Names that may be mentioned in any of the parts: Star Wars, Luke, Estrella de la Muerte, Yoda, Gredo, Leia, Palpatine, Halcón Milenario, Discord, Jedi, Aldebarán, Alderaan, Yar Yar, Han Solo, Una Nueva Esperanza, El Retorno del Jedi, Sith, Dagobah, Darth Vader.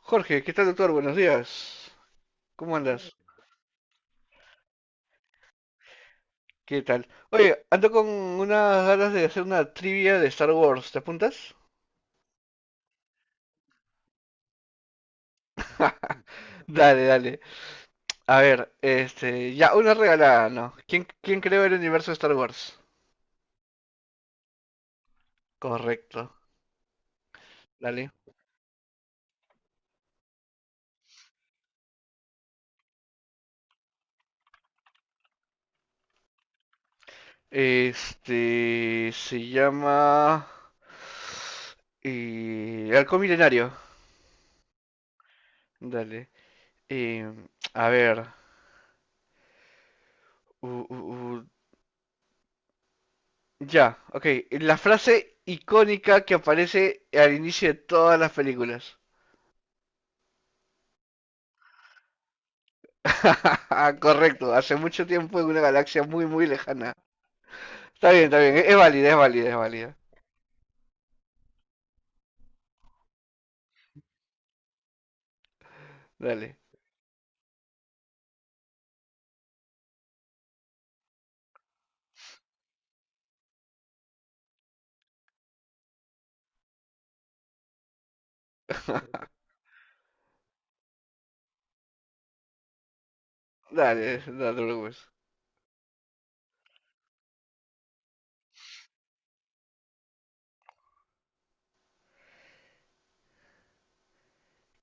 Jorge, ¿qué tal, doctor? Buenos días. ¿Cómo andas? ¿Qué tal? Oye, ando con unas ganas de hacer una trivia de Star Wars. ¿Te apuntas? Dale, dale. A ver, este, ya, una regalada, ¿no? ¿Quién creó el universo de Star Wars? Correcto, dale. Este, se llama Halcón Milenario. Dale. Em, a ver. Ya, ok. La frase icónica que aparece al inicio de todas las películas. Correcto, hace mucho tiempo en una galaxia muy, muy lejana. Está bien, está bien. Es válida, es válida, es válida. Dale, dale, no te preocupes.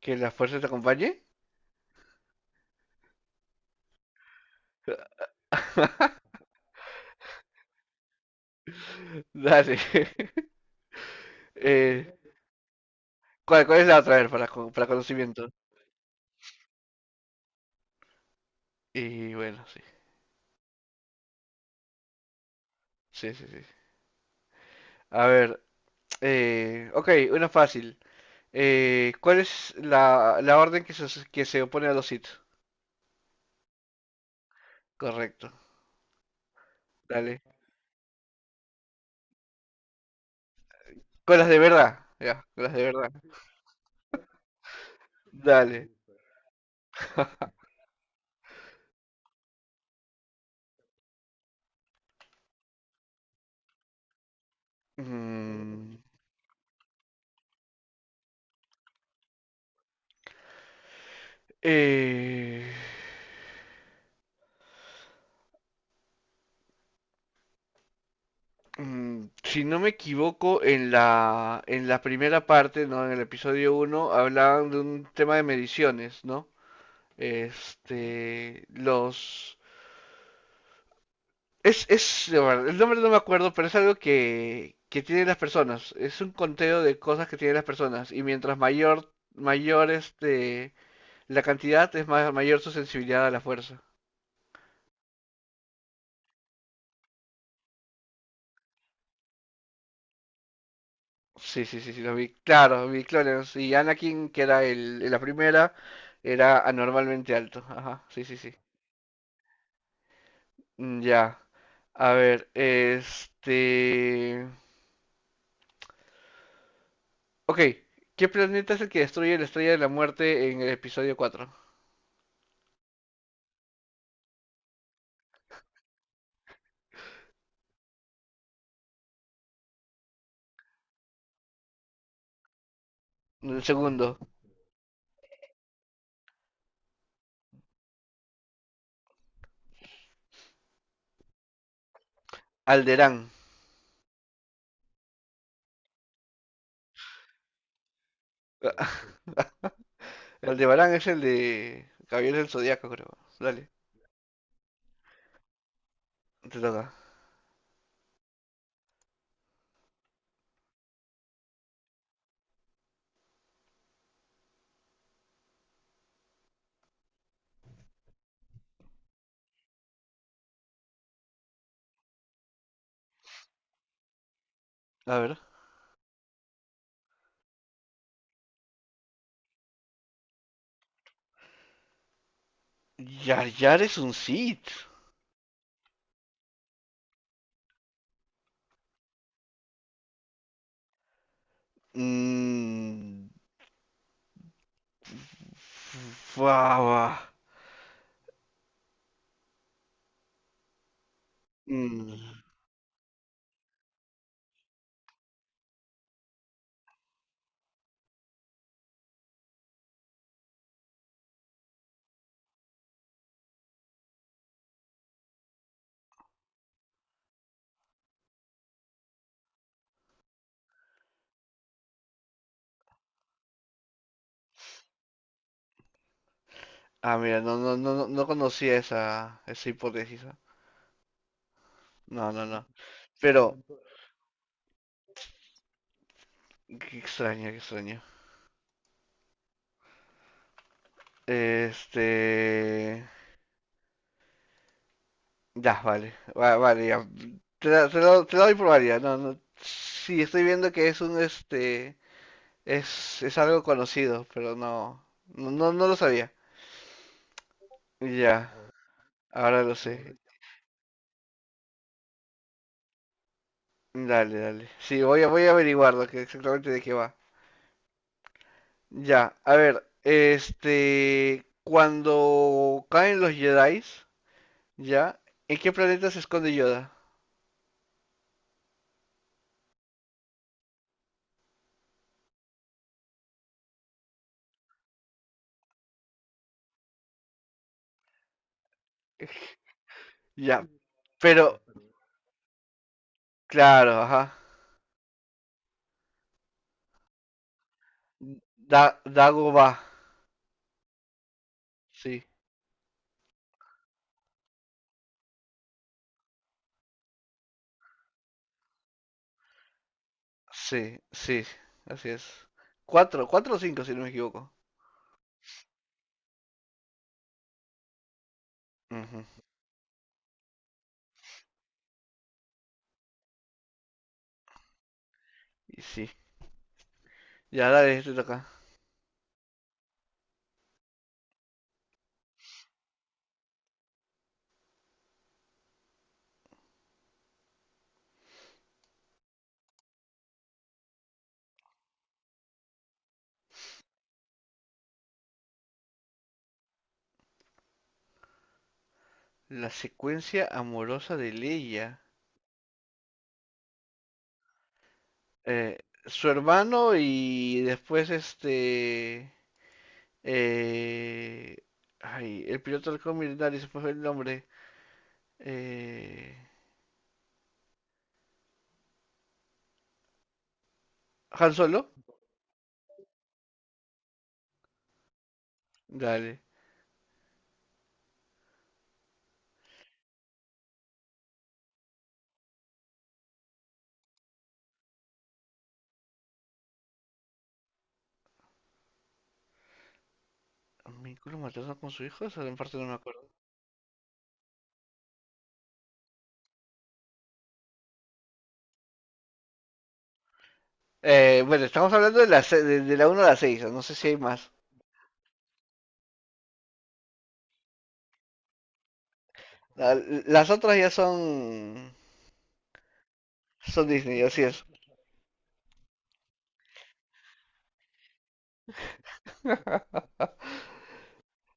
¿Que la fuerza te acompañe? Dale. Eh, cuál es la otra? A ver, para, para conocimiento. Y bueno, sí. Sí, sí, sí. A ver, ok, una fácil. ¿Cuál es la orden que se opone a los Sith? Correcto. Dale. Con las de verdad. Ya, con las de verdad. Dale. Mm, eh, si no me equivoco, en la primera parte, ¿no? En el episodio uno, hablaban de un tema de mediciones, ¿no? Este. Es, bueno, el nombre no me acuerdo, pero es algo que tienen las personas. Es un conteo de cosas que tienen las personas. Y mientras mayor este, la cantidad, es más, mayor su sensibilidad a la fuerza. Sí, sí, sí, sí, los vi. Claro, vi clones. Y Anakin, que era en la primera, era anormalmente alto. Ajá, sí, sí, sí. Mm, ya. A ver, este, ok. ¿Qué planeta es el que destruye la Estrella de la Muerte en el episodio cuatro? El segundo. Alderaan. Aldebarán es el de Gabriel del Zodíaco, creo. Dale, te toca. A ver. Yar Yar es un Sith. Mm. Fua. Mm. Ah, mira, no, no, no, no conocía esa hipótesis. ¿Ah? No, no, no. Pero, qué extraño, qué extraño. Este. Ya, vale. Vale, ya. Te la doy por válida. No, no. Sí, estoy viendo que es un este. Es algo conocido, pero no, no, no, no lo sabía. Ya, ah, ahora lo sé. Dale, dale. Sí, voy a averiguar lo que exactamente de qué va. Ya, a ver, este, cuando caen los Jedi, ya, ¿en qué planeta se esconde Yoda? Ya, pero, claro, ajá. Dagobah, sí, sí, sí, así es. Cuatro, cuatro o cinco, si no me equivoco. Ujú, y sí, ya, dale, te toca. La secuencia amorosa de Leia. eh, Su hermano y después este... eh, ay, el piloto del Millonario, se me fue el nombre. Eh, Han Solo. Dale. ¿Vínculo materno con su hijo? Esa parte no me acuerdo. Bueno, estamos hablando de la uno a la 6, no sé si hay más. La- las otras ya son Disney, así es.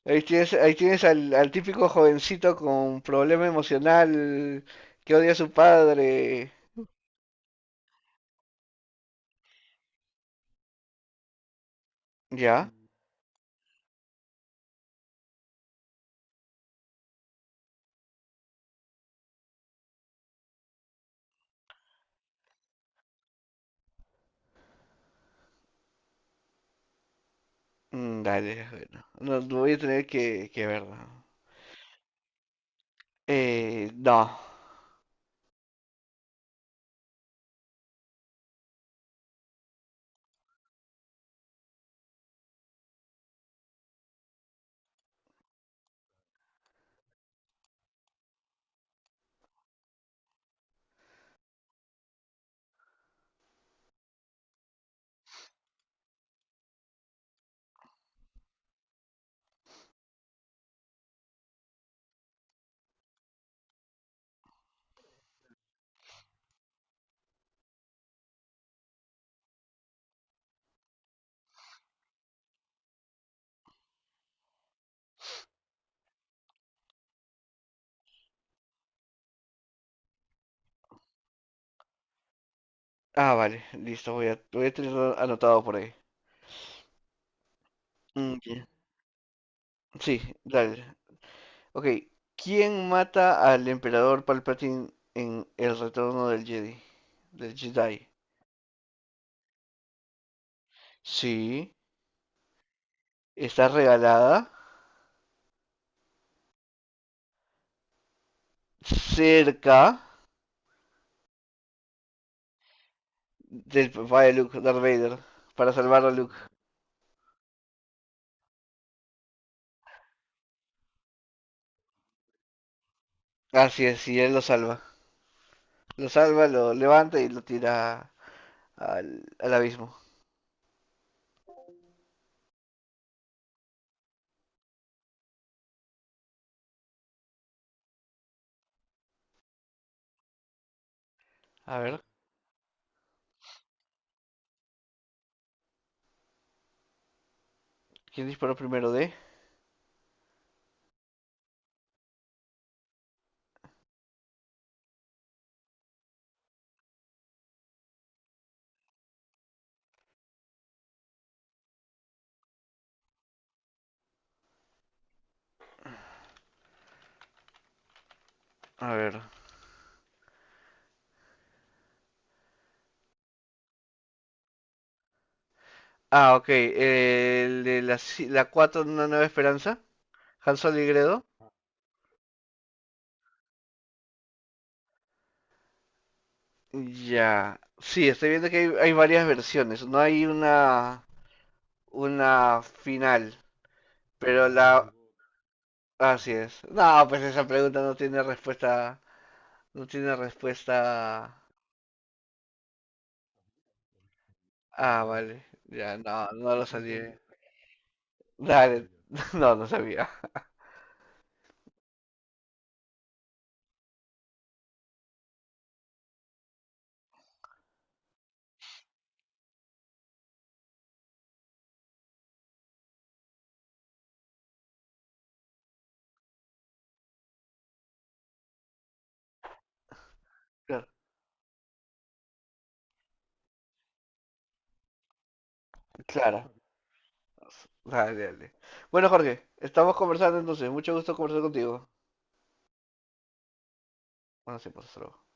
Ahí tienes al típico jovencito con problema emocional que odia a su padre. ¿Ya? Dale, bueno. No, no voy a tener que verlo. No. Ah, vale, listo, voy a tenerlo anotado por ahí. Mm, ya. Sí, dale. Ok, ¿quién mata al emperador Palpatine en El Retorno del Jedi? Del Jedi. Sí, está regalada, cerca, del papá de Luke, Darth Vader, para salvar a Luke. Así es, y él lo salva. Lo salva, lo levanta y lo tira al abismo. A ver, ¿quién disparó primero de? A ver. Ah, ok, el de la, si, la 4 de una nueva esperanza, Han Solo y Gredo. Ya. Sí, estoy viendo que hay varias versiones. No hay una final, pero la... Así es. No, pues esa pregunta no tiene respuesta, no tiene respuesta. Ah, vale. Ya, no, no lo no sabía. Dale, no, no sabía. Claro. Clara. Dale, dale. Bueno, Jorge, estamos conversando entonces. Mucho gusto conversar contigo. Bueno, sí, pues, hasta luego.